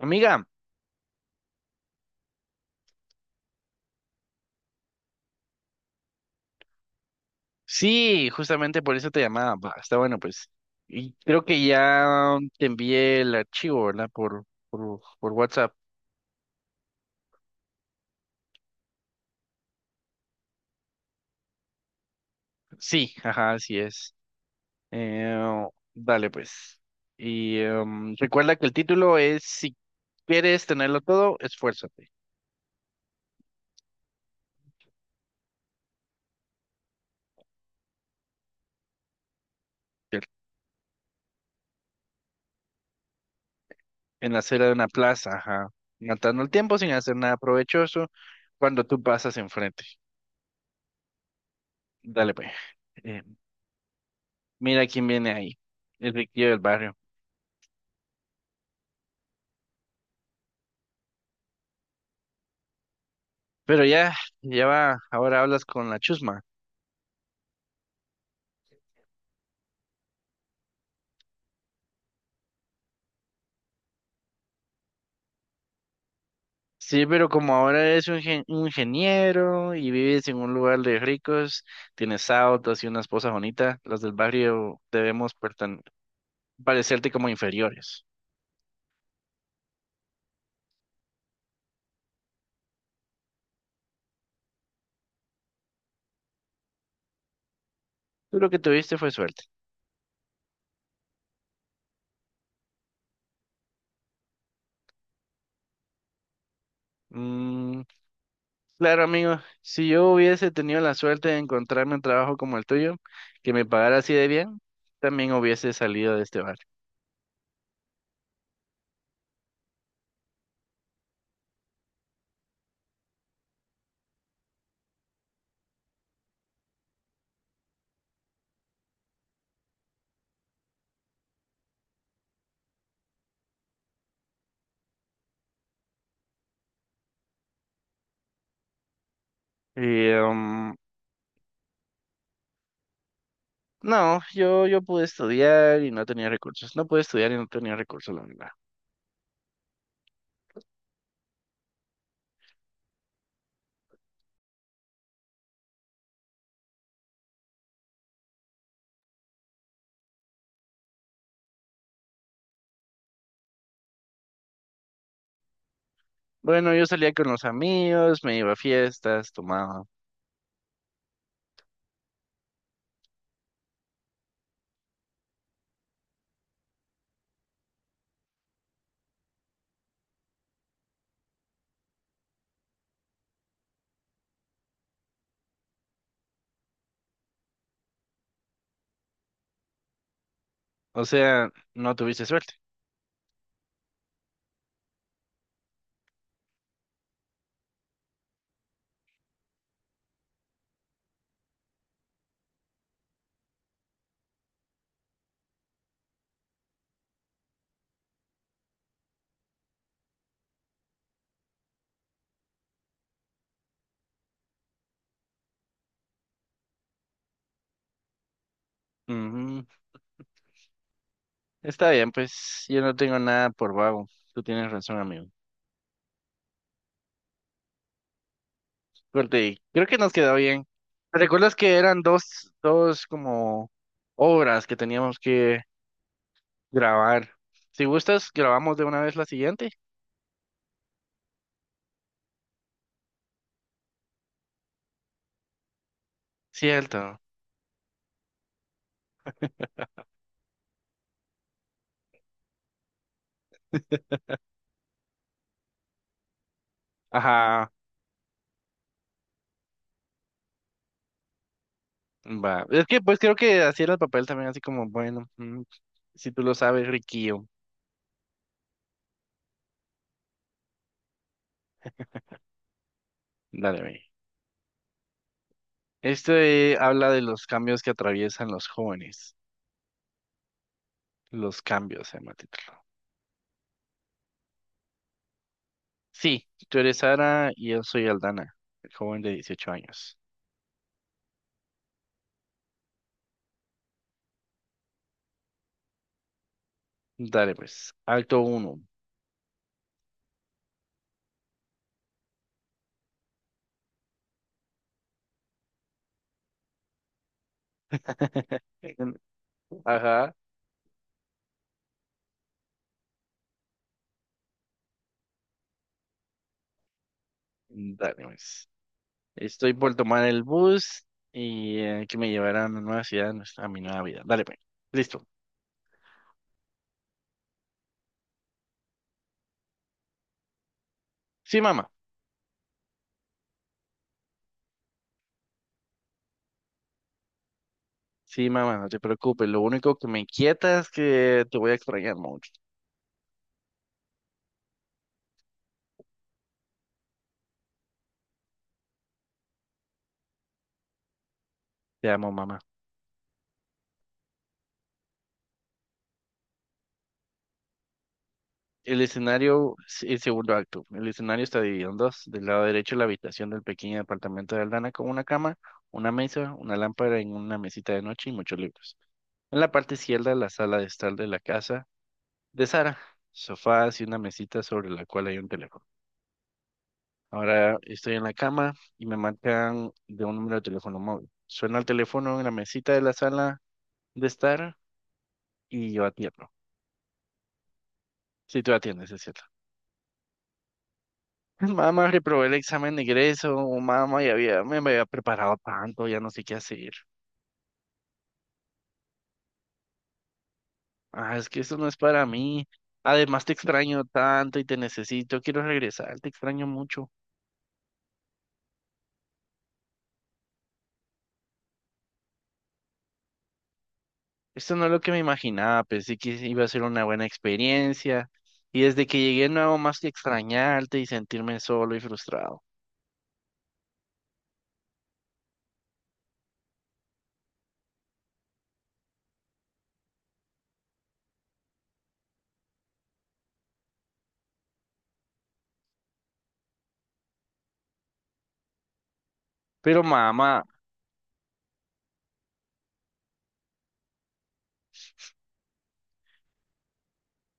Amiga, sí, justamente por eso te llamaba. Va, está bueno, pues. Y creo que ya te envié el archivo, ¿verdad? Por WhatsApp. Sí, ajá, así es. Eh, Dale, pues. Y recuerda que el título es Si quieres tenerlo todo, esfuérzate. ¿Cierto? En la acera de una plaza, ajá. Matando el tiempo sin hacer nada provechoso cuando tú pasas enfrente. Dale, pues. Eh, Mira quién viene ahí. El riquillo del barrio. Pero ya, ya va, ahora hablas con la chusma. Sí, pero como ahora eres un, un ingeniero y vives en un lugar de ricos, tienes autos y una esposa bonita, las del barrio debemos parecerte como inferiores. Tú lo que tuviste fue suerte. Mm, claro, amigo, si yo hubiese tenido la suerte de encontrarme un trabajo como el tuyo, que me pagara así de bien, también hubiese salido de este barrio. No, yo pude estudiar y no tenía recursos. No pude estudiar y no tenía recursos, la verdad. Bueno, yo salía con los amigos, me iba a fiestas, tomaba. O sea, no tuviste suerte. Ujú. Está bien, pues yo no tengo nada por vago. Tú tienes razón, amigo. Corte, creo que nos quedó bien. ¿Recuerdas que eran dos como obras que teníamos que grabar? Si gustas, grabamos de una vez la siguiente. Cierto. Ajá. Va. Es que pues creo que así era el papel también, así como, bueno, si tú lo sabes, Riquillo. Dale, ve. Este habla de los cambios que atraviesan los jóvenes. Los cambios, se llama el título. Sí, tú eres Sara y yo soy Aldana, el joven de 18 años. Dale, pues. Acto uno. Ajá, dale, pues. Estoy por tomar el bus y que me llevará a mi nueva ciudad, a mi nueva vida. Dale, pues. Listo. Sí, mamá. Sí, mamá, no te preocupes. Lo único que me inquieta es que te voy a extrañar mucho. Te amo, mamá. El escenario, el segundo acto. El escenario está dividido en dos. Del lado derecho, la habitación del pequeño apartamento de Aldana con una cama, una mesa, una lámpara en una mesita de noche y muchos libros. En la parte izquierda, la sala de estar de la casa de Sara, sofás y una mesita sobre la cual hay un teléfono. Ahora estoy en la cama y me marcan de un número de teléfono móvil. Suena el teléfono en la mesita de la sala de estar y yo atiendo. Si tú atiendes, es cierto. Mamá, reprobé el examen de ingreso, o mamá, ya había, me había preparado tanto, ya no sé qué hacer. Ah, es que eso no es para mí. Además, te extraño tanto y te necesito, quiero regresar, te extraño mucho. Esto no es lo que me imaginaba, pensé que iba a ser una buena experiencia y desde que llegué no hago más que extrañarte y sentirme solo y frustrado. Pero mamá,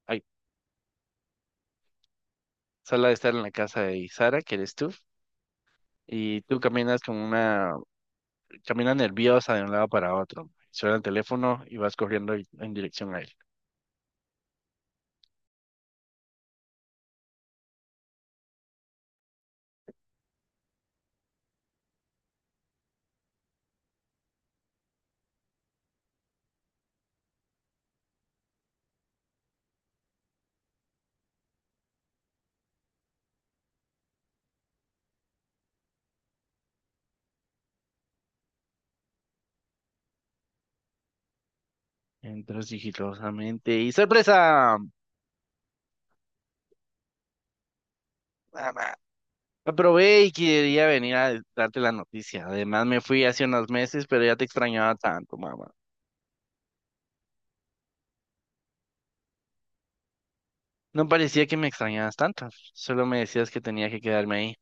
ay, sala de estar en la casa de Sara, que eres tú, y tú caminas como una, caminas nerviosa de un lado para otro. Suena el teléfono y vas corriendo en dirección a él. Entras sigilosamente y ¡sorpresa! Mamá. Aprobé y quería venir a darte la noticia. Además me fui hace unos meses, pero ya te extrañaba tanto, mamá. No parecía que me extrañabas tanto, solo me decías que tenía que quedarme ahí.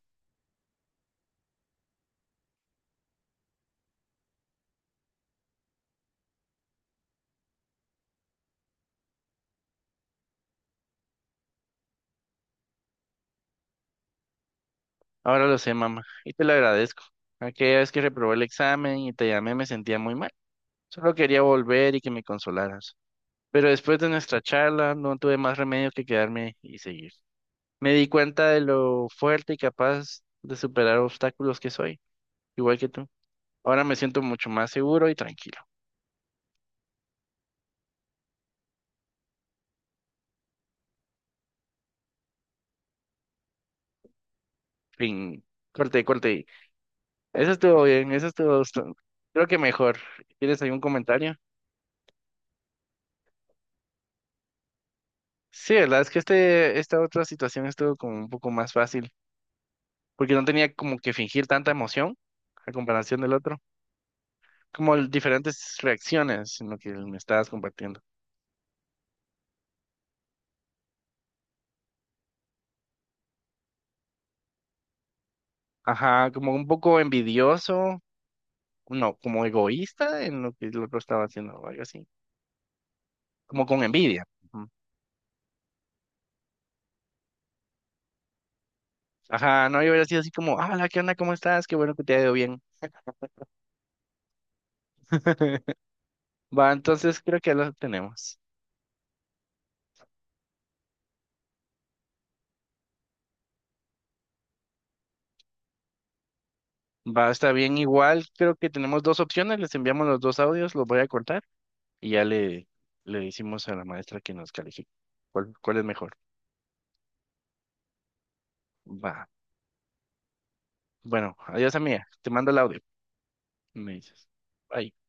Ahora lo sé, mamá, y te lo agradezco. Aquella vez que reprobé el examen y te llamé me sentía muy mal. Solo quería volver y que me consolaras. Pero después de nuestra charla no tuve más remedio que quedarme y seguir. Me di cuenta de lo fuerte y capaz de superar obstáculos que soy, igual que tú. Ahora me siento mucho más seguro y tranquilo. Fin. Corte, corte. Eso estuvo bien, eso estuvo... Creo que mejor. ¿Tienes algún comentario? Sí, la verdad es que esta otra situación estuvo como un poco más fácil, porque no tenía como que fingir tanta emoción a comparación del otro, como diferentes reacciones en lo que me estabas compartiendo. Ajá, como un poco envidioso, no, como egoísta en lo que el otro estaba haciendo o algo así, como con envidia. Ujú. Ajá, no, yo hubiera sido así como, hola, ¿qué onda? ¿Cómo estás? Qué bueno que te ha ido bien. Va, entonces creo que lo tenemos. Va, está bien, igual creo que tenemos dos opciones, les enviamos los dos audios, los voy a cortar y ya le decimos a la maestra que nos califique. ¿Cuál es mejor? Va. Bueno, adiós, amiga. Te mando el audio. Me dices. Bye.